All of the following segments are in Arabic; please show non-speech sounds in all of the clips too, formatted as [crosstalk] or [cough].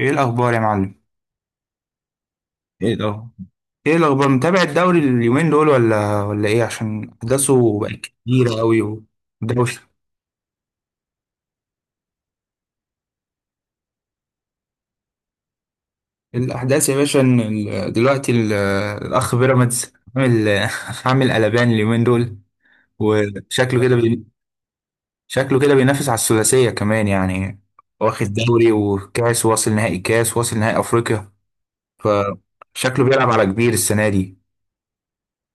ايه الاخبار يا معلم. ايه ده. ايه الاخبار متابع الدوري اليومين دول ولا ايه عشان احداثه بقت كتيره قوي ودوشه. الاحداث يا باشا إن الاخ بيراميدز عامل [laughs] عامل قلبان اليومين دول. وشكله كده بي... شكله كده بينافس على الثلاثيه كمان يعني، واخد دوري وكاس واصل نهائي كاس واصل نهائي افريقيا، فشكله بيلعب على كبير السنه دي.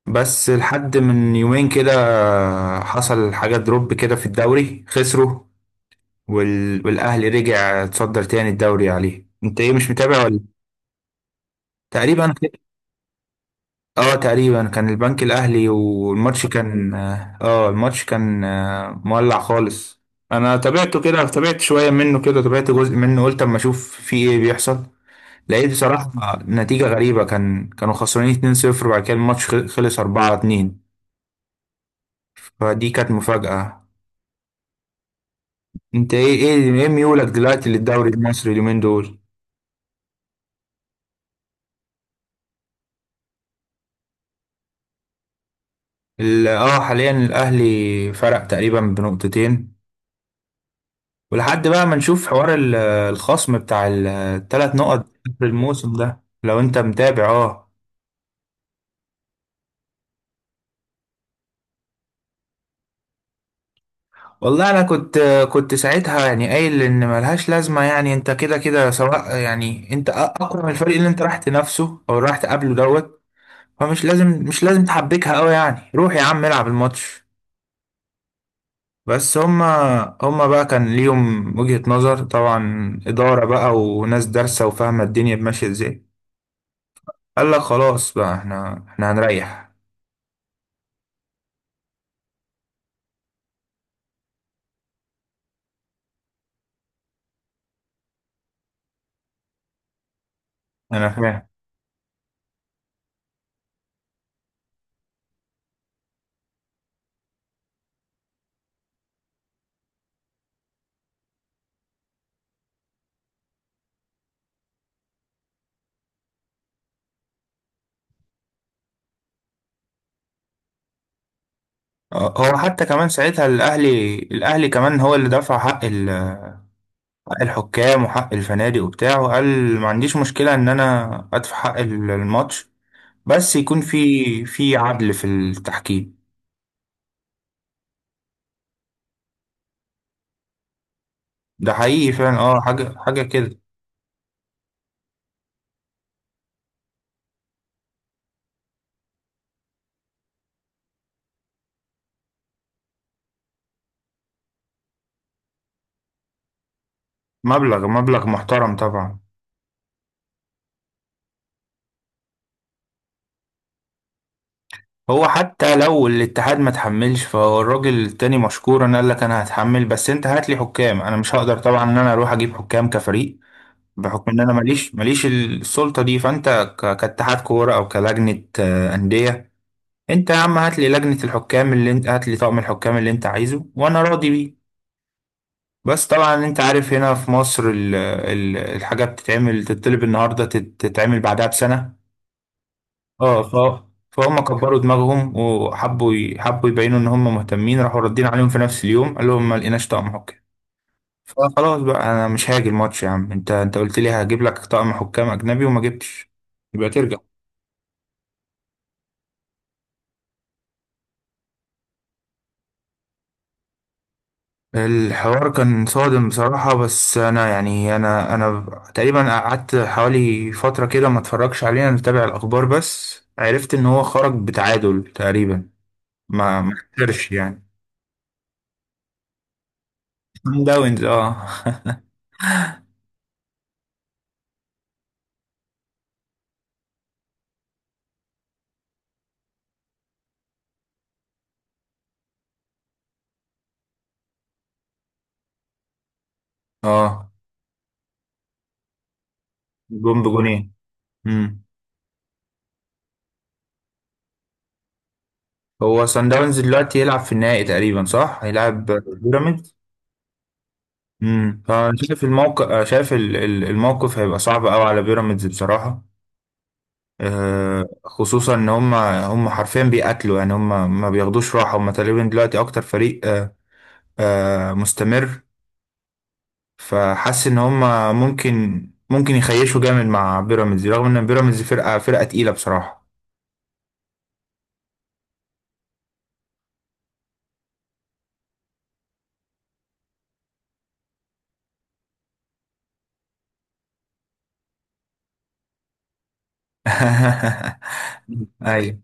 بس لحد من يومين كده حصل حاجة دروب كده في الدوري خسروا، والأهلي رجع اتصدر تاني الدوري عليه. انت ايه، مش متابع ولا؟ تقريبا. اه تقريبا كان البنك الأهلي، والماتش كان، اه الماتش كان مولع خالص. انا تابعته كده، تابعت شوية منه كده، تابعت جزء منه، قلت اما اشوف في ايه بيحصل. لقيت بصراحة نتيجة غريبة، كانوا خسرانين 2-0 وبعد كده الماتش خلص 4-2. فدي كانت مفاجأة. انت ايه ايه ميولك دلوقتي للدوري المصري اليومين دول؟ اه حاليا الاهلي فرق تقريبا بنقطتين، ولحد بقى ما نشوف حوار الخصم بتاع الثلاث نقط في الموسم ده لو انت متابع، اه. والله انا كنت ساعتها يعني قايل ان ملهاش لازمه، يعني انت كده كده سواء، يعني انت اقوى من الفريق اللي انت راح تنافسه او راح تقابله دوت. فمش لازم مش لازم تحبكها قوي، يعني روح يا عم العب الماتش. بس هما، هما بقى كان ليهم وجهة نظر طبعا، إدارة بقى وناس دارسة وفاهمة الدنيا ماشية ازاي، قال لك خلاص بقى احنا هنريح. انا فاهم. هو حتى كمان ساعتها الاهلي، كمان هو اللي دفع حق حق الحكام وحق الفنادق وبتاع، وقال ما عنديش مشكلة ان انا ادفع حق الماتش، بس يكون في في عدل في التحكيم. ده حقيقي فعلا، اه حاجة كده. مبلغ محترم طبعا. هو حتى لو الاتحاد ما تحملش، فهو الراجل التاني مشكورا قال لك انا هتحمل، بس انت هات لي حكام، انا مش هقدر طبعا ان انا اروح اجيب حكام كفريق، بحكم ان انا ماليش السلطة دي. فانت كاتحاد كورة او كلجنة أندية، انت يا عم هات لي لجنة الحكام اللي انت، هات لي طقم الحكام اللي انت عايزه وانا راضي بيه. بس طبعا انت عارف هنا في مصر الحاجة بتتعمل تتطلب النهاردة تتعمل بعدها بسنة. اه ف... فهم كبروا دماغهم وحبوا حبوا يبينوا ان هم مهتمين، راحوا ردين عليهم في نفس اليوم قال لهم ما لقيناش طقم حكام. فخلاص بقى انا مش هاجي الماتش يا عم، انت قلت لي هجيب لك طقم حكام اجنبي وما جبتش، يبقى ترجع. الحوار كان صادم بصراحة، بس أنا يعني أنا تقريبا قعدت حوالي فترة كده ما اتفرجش عليه، أنا متابع الأخبار بس، عرفت إن هو خرج بتعادل تقريبا، ما خسرش يعني. سان داونز، اه. اه. جون بجونين. امم. هو سان داونز دلوقتي يلعب في النهائي تقريبا صح؟ هيلعب بيراميدز. امم. فانا شايف الموقف، شايف الموقف هيبقى صعب قوي على بيراميدز بصراحة. خصوصا ان هم حرفيا بيقاتلوا، يعني هم ما بياخدوش راحة، هم تقريبا دلوقتي اكتر فريق مستمر. فحاسس ان هم، ممكن يخيشوا جامد مع بيراميدز، رغم ان بيراميدز فرقة تقيلة بصراحة. [laughs] ايوه.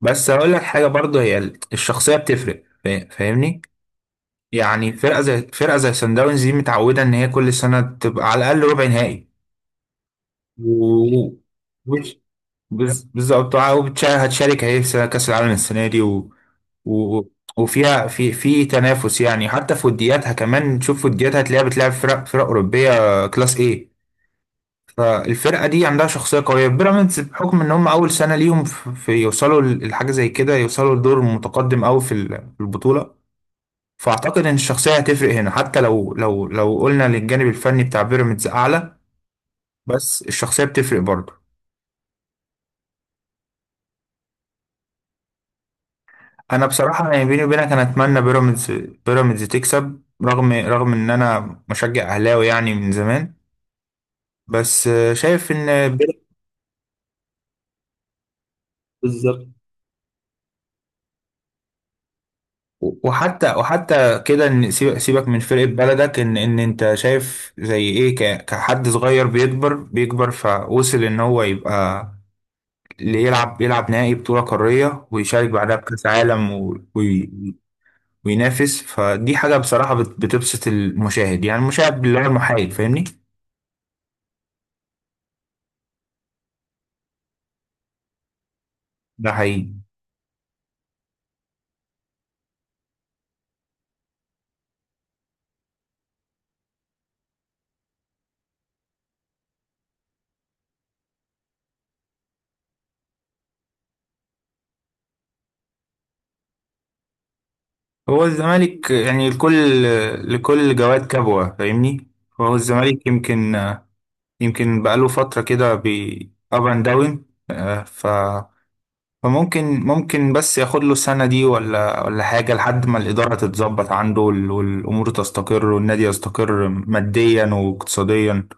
بس هقول لك حاجه برضه، هي الشخصيه بتفرق، فاهمني. يعني فرقه زي سان داونز دي متعوده ان هي كل سنه تبقى على الاقل ربع نهائي. و وش- بالظبط، وهتشارك اهي في كاس العالم السنه دي و... وفيها في تنافس يعني، حتى في ودياتها كمان، تشوف ودياتها هتلاقيها بتلعب فرق اوروبيه كلاس A. فالفرقة دي عندها شخصية قوية، بيراميدز بحكم ان هم اول سنة ليهم في يوصلوا لحاجة زي كده، يوصلوا لدور متقدم قوي في في البطولة. فاعتقد ان الشخصية هتفرق هنا، حتى لو قلنا للجانب الفني بتاع بيراميدز اعلى، بس الشخصية بتفرق برضه. انا بصراحة يعني بيني وبينك انا اتمنى بيراميدز، تكسب رغم ان انا مشجع اهلاوي يعني من زمان. بس شايف ان بيراميدز، وحتى كده ان سيبك من فرقة بلدك، ان انت شايف زي ايه، كحد صغير بيكبر فوصل ان هو يبقى اللي يلعب، يلعب نهائي بطولة قارية، ويشارك بعدها بكأس عالم، وينافس. فدي حاجة بصراحة بتبسط المشاهد، يعني المشاهد بالله المحايد، فاهمني. ده حقيقي. هو الزمالك يعني لكل، لكل جواد كبوة، فاهمني. هو الزمالك يمكن، يمكن بقاله فترة كده بي up and down. آه، ف فممكن بس ياخد له السنة دي ولا حاجة لحد ما الإدارة تتظبط عنده، والأمور تستقر والنادي يستقر ماديا واقتصاديا،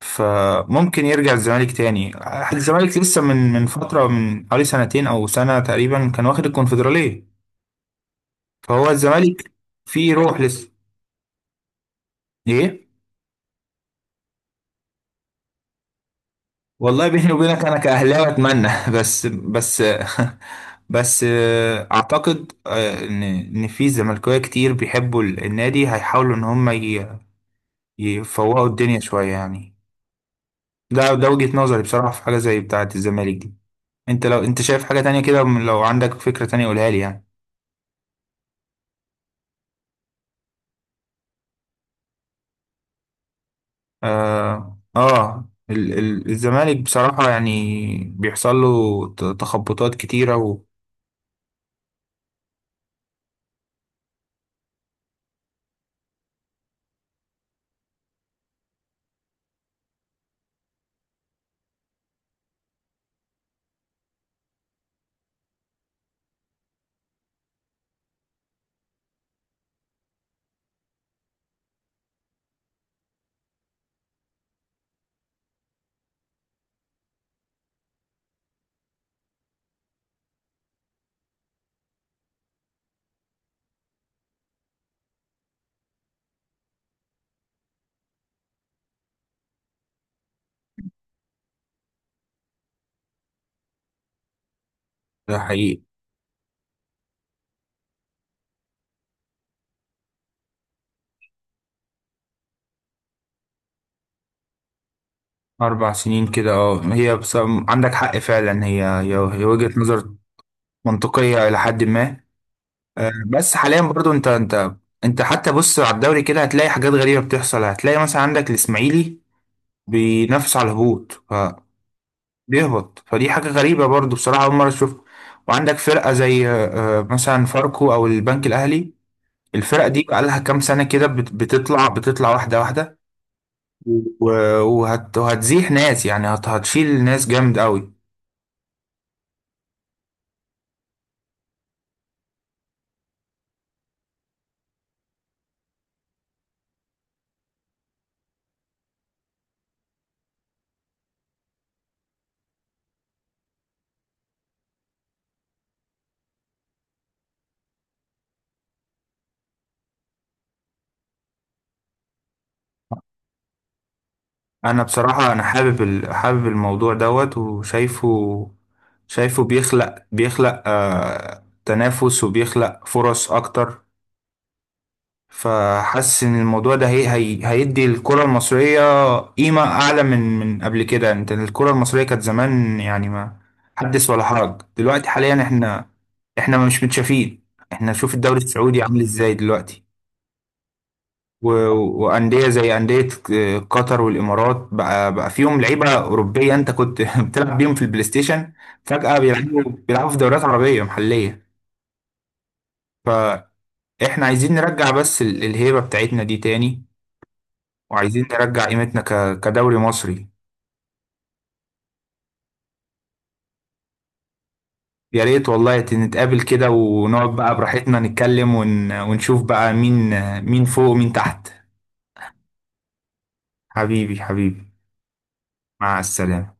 فممكن يرجع الزمالك تاني. الزمالك لسه من فترة من حوالي سنتين أو سنة تقريبا كان واخد الكونفدرالية، فهو الزمالك فيه روح لسه. إيه؟ والله بيني وبينك انا كاهلاوي اتمنى [laughs] بس بس بس اعتقد ان في زملكاويه كتير بيحبوا النادي هيحاولوا ان هم يفوقوا الدنيا شويه يعني. ده وجهه نظري بصراحه في حاجه زي بتاعه الزمالك دي. انت لو انت شايف حاجه تانية كده، لو عندك فكره تانية قولها لي يعني. اه, آه ال الزمالك بصراحه يعني بيحصل له تخبطات كتيره، وده حقيقي. أربع سنين كده اه، هي بس عندك حق فعلا، هي هي وجهة نظر منطقية إلى حد ما. بس حاليا برضو أنت حتى بص على الدوري كده هتلاقي حاجات غريبة بتحصل، هتلاقي مثلا عندك الإسماعيلي بينافس على الهبوط، فبيهبط، فدي حاجة غريبة برضو بصراحة، أول مرة أشوفها. وعندك فرقة زي مثلا فاركو أو البنك الأهلي، الفرقة دي بقالها كام سنة كده بتطلع واحدة واحدة، و- وهت- وهتزيح ناس يعني، هتشيل ناس جامد قوي. انا بصراحة انا حابب الموضوع دوت، وشايفه بيخلق بيخلق تنافس وبيخلق فرص اكتر. فحاسس ان الموضوع ده هيدي الكرة المصرية قيمة اعلى من قبل كده. انت الكرة المصرية كانت زمان يعني ما حدث ولا حرج. دلوقتي حاليا احنا، مش متشافين. احنا شوف الدوري السعودي عامل ازاي دلوقتي، وانديه زي انديه قطر والامارات بقى فيهم لعيبه اوروبيه، انت كنت [laughs] بتلعب بيهم في البلاي ستيشن فجاه، بيلعبوا في دوريات عربيه محليه. فاحنا عايزين نرجع بس الهيبه بتاعتنا دي تاني، وعايزين نرجع قيمتنا كدوري مصري. يا ريت والله، نتقابل كده ونقعد بقى براحتنا نتكلم ونشوف بقى مين، مين فوق ومين تحت. حبيبي. مع السلامه.